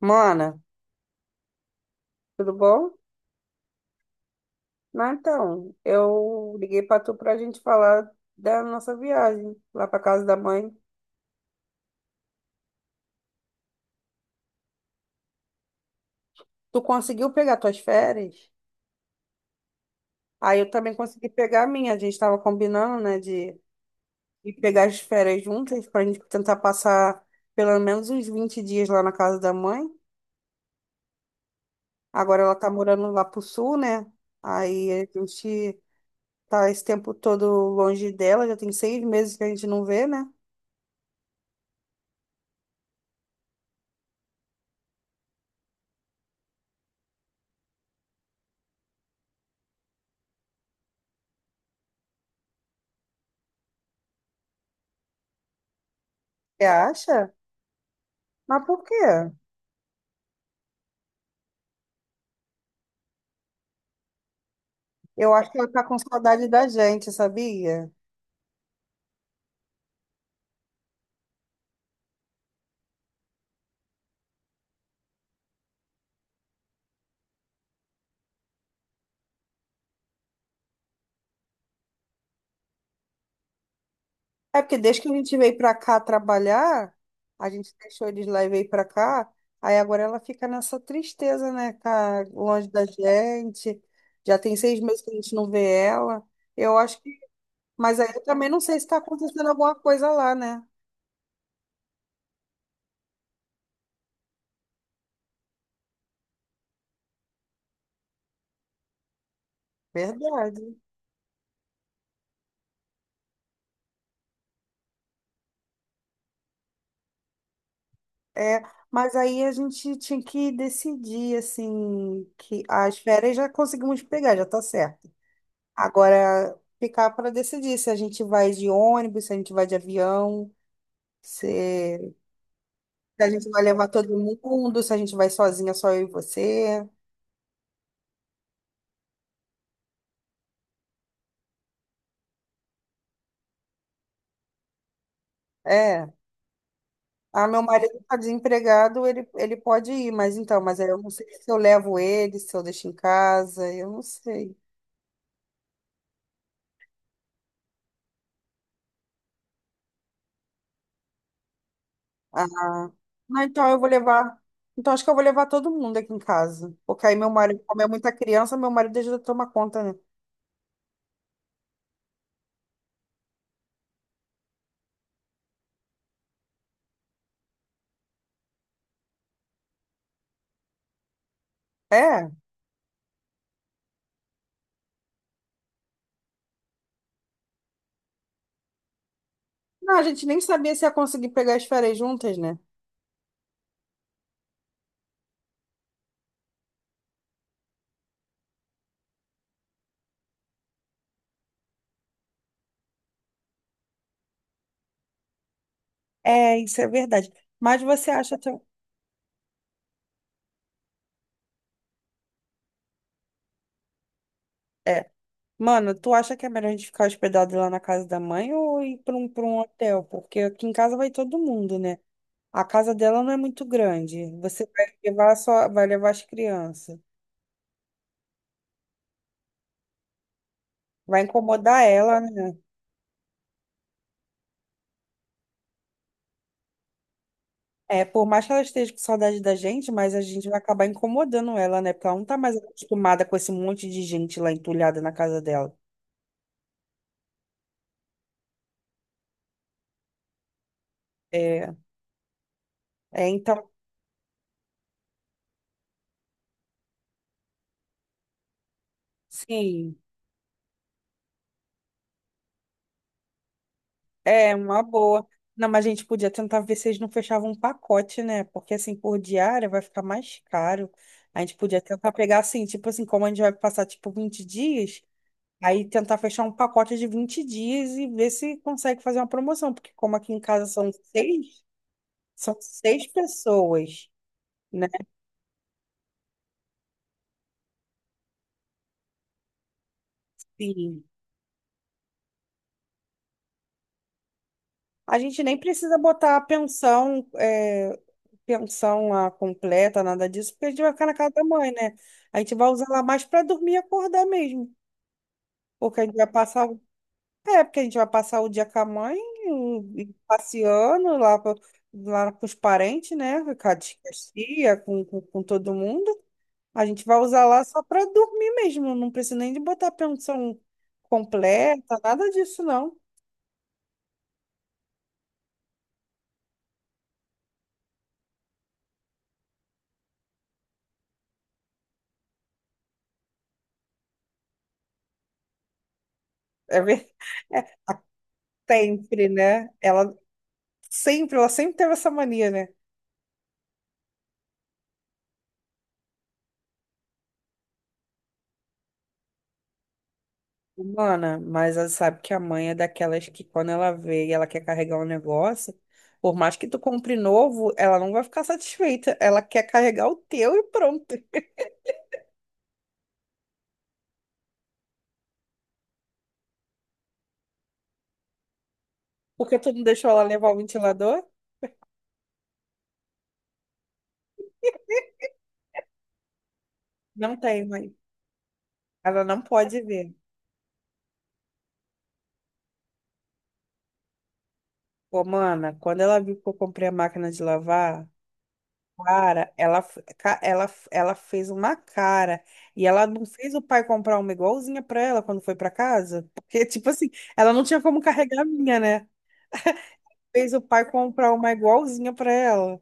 Mana, tudo bom? Não, então, eu liguei pra tu pra gente falar da nossa viagem lá pra casa da mãe. Tu conseguiu pegar tuas férias? Aí eu também consegui pegar a minha. A gente tava combinando, né, de ir pegar as férias juntas pra gente tentar passar pelo menos uns 20 dias lá na casa da mãe. Agora ela tá morando lá pro sul, né? Aí a gente tá esse tempo todo longe dela, já tem seis meses que a gente não vê, né? Você acha? Mas por quê? Eu acho que ela tá com saudade da gente, sabia? É porque desde que a gente veio pra cá trabalhar, a gente deixou eles lá e veio pra cá, aí agora ela fica nessa tristeza, né? Tá longe da gente. Já tem seis meses que a gente não vê ela. Eu acho que. Mas aí eu também não sei se tá acontecendo alguma coisa lá, né? Verdade. É, mas aí a gente tinha que decidir, assim, que as férias já conseguimos pegar, já tá certo. Agora, ficar para decidir se a gente vai de ônibus, se a gente vai de avião, se, se a gente vai levar todo mundo, se a gente vai sozinha, só eu e você. É. Ah, meu marido está desempregado, ele pode ir, mas então, mas aí eu não sei se eu levo ele, se eu deixo em casa, eu não sei. Ah, não, então eu vou levar. Então acho que eu vou levar todo mundo aqui em casa. Porque aí meu marido, como é muita criança, meu marido ajuda a tomar conta, né? É. Não, a gente nem sabia se ia conseguir pegar as férias juntas, né? É, isso é verdade. Mas você acha. É. Mano, tu acha que é melhor a gente ficar hospedado lá na casa da mãe ou ir para um hotel? Porque aqui em casa vai todo mundo, né? A casa dela não é muito grande. Você vai levar só, vai levar as crianças. Vai incomodar ela, né? É, por mais que ela esteja com saudade da gente, mas a gente vai acabar incomodando ela, né? Porque ela não tá mais acostumada com esse monte de gente lá entulhada na casa dela. É, é então, sim. É, uma boa. Não, mas a gente podia tentar ver se eles não fechavam um pacote, né? Porque assim, por diária vai ficar mais caro. A gente podia tentar pegar assim, tipo assim, como a gente vai passar tipo 20 dias, aí tentar fechar um pacote de 20 dias e ver se consegue fazer uma promoção. Porque como aqui em casa são seis pessoas, né? Assim, a gente nem precisa botar a pensão, pensão lá completa, nada disso, porque a gente vai ficar na casa da mãe, né? A gente vai usar ela mais para dormir e acordar mesmo. Porque a gente vai passar. É, porque a gente vai passar o dia com a mãe, e passeando lá, lá com os parentes, né? Com a tia, tia, com todo mundo. A gente vai usar lá só para dormir mesmo. Não precisa nem de botar pensão completa, nada disso, não. É ver- é sempre, né? Sempre, ela sempre teve essa mania, né? Humana, mas ela sabe que a mãe é daquelas que quando ela vê e ela quer carregar um negócio, por mais que tu compre novo, ela não vai ficar satisfeita. Ela quer carregar o teu e pronto. Porque tu não deixou ela levar o ventilador? Não tem, mãe. Ela não pode ver. Pô, mana, quando ela viu que eu comprei a máquina de lavar, cara, ela fez uma cara. E ela não fez o pai comprar uma igualzinha pra ela quando foi pra casa. Porque, tipo assim, ela não tinha como carregar a minha, né? Fez o pai comprar uma igualzinha pra ela.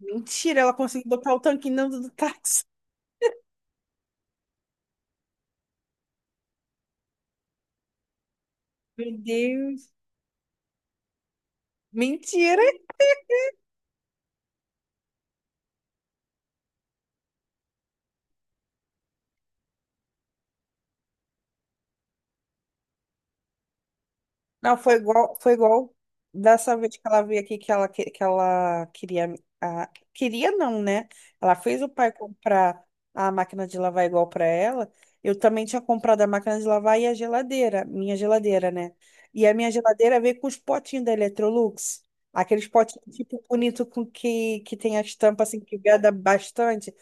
Mentira, ela conseguiu botar o tanquinho dentro do táxi. Meu Deus. Mentira! Não, foi igual dessa vez que ela veio aqui que que ela queria. A, Queria não, né? Ela fez o pai comprar a máquina de lavar igual para ela. Eu também tinha comprado a máquina de lavar e a geladeira, minha geladeira, né? E a minha geladeira veio com os potinhos da Electrolux, aqueles potinhos tipo bonito que tem a estampa assim que veda bastante.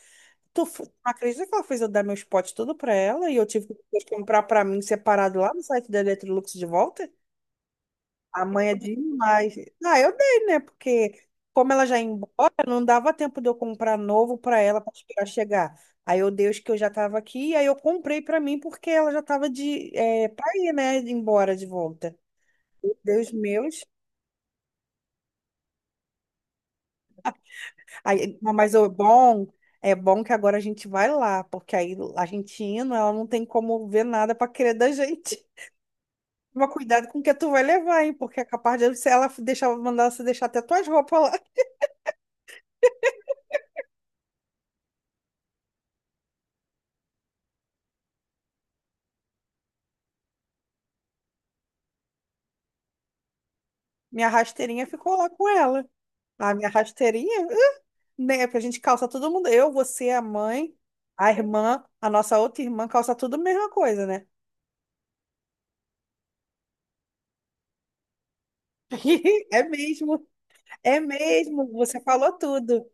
Tu acredita que ela fez eu dar meus potes tudo para ela e eu tive que depois comprar para mim separado lá no site da Electrolux de volta? A mãe é demais. Ah, eu dei, né? Porque como ela já ia embora, não dava tempo de eu comprar novo para ela para esperar chegar. Aí eu dei os que eu já estava aqui, aí eu comprei para mim porque ela já estava de para ir, né? Embora de volta. Deus meus. Aí, mas o bom é bom que agora a gente vai lá, porque aí a gente indo, ela não tem como ver nada para querer da gente. Mas cuidado com o que tu vai levar, hein? Porque é capaz de se ela deixar, mandar você deixar até tuas roupas lá. Minha rasteirinha ficou lá com ela. A minha rasteirinha, né? Porque a gente calça todo mundo. Eu, você, a mãe, a irmã, a nossa outra irmã calça tudo a mesma coisa, né? É mesmo, é mesmo. Você falou tudo.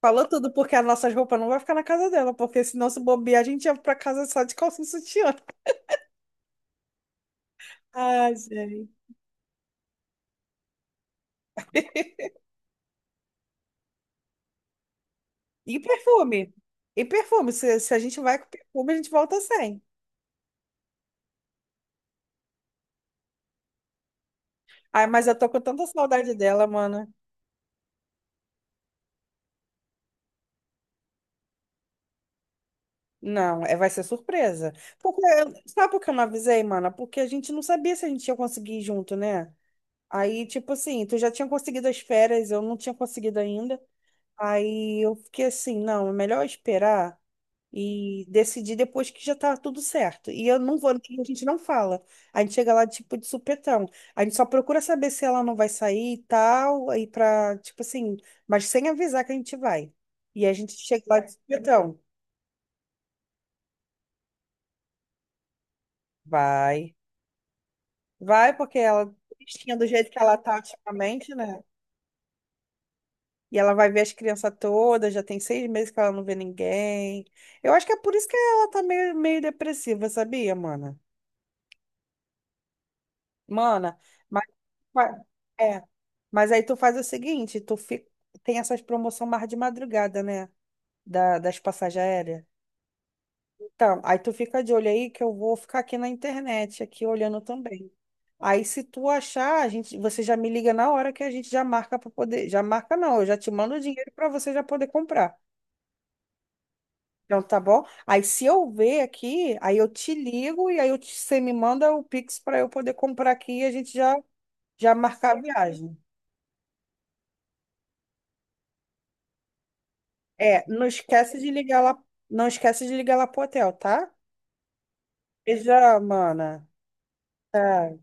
Falou tudo, porque as nossas roupas não vai ficar na casa dela, porque senão se bobear, a gente ia pra casa só de calcinha e sutiã. Ai, gente. E perfume? E perfume? Se a gente vai com perfume, a gente volta sem. Ai, mas eu tô com tanta saudade dela, mano. Não, é, vai ser surpresa. Porque, sabe por que eu não avisei, mana? Porque a gente não sabia se a gente ia conseguir ir junto, né? Aí, tipo assim, tu já tinha conseguido as férias, eu não tinha conseguido ainda. Aí eu fiquei assim, não, é melhor esperar e decidir depois que já tá tudo certo. E eu não vou, a gente não fala. A gente chega lá, tipo, de supetão. A gente só procura saber se ela não vai sair e tal, aí pra, tipo assim, mas sem avisar que a gente vai. E a gente chega lá de supetão. Vai. Vai, porque ela, tristinha do jeito que ela tá ultimamente, né? E ela vai ver as crianças todas, já tem 6 meses que ela não vê ninguém. Eu acho que é por isso que ela tá meio, meio depressiva, sabia, mana? Mana, mas, fa- é, mas aí tu faz o seguinte, tu fica, tem essas promoções mais de madrugada, né? Das passagens aéreas. Tá, aí tu fica de olho aí que eu vou ficar aqui na internet, aqui olhando também. Aí se tu achar, a gente, você já me liga na hora que a gente já marca para poder, já marca não, eu já te mando o dinheiro para você já poder comprar. Então tá bom? Aí se eu ver aqui, aí eu te ligo e aí você me manda o Pix para eu poder comprar aqui e a gente já já marcar a viagem. É, não esquece de ligar lá, não esquece de ligar lá pro hotel, tá? Beijo, mana. Tá.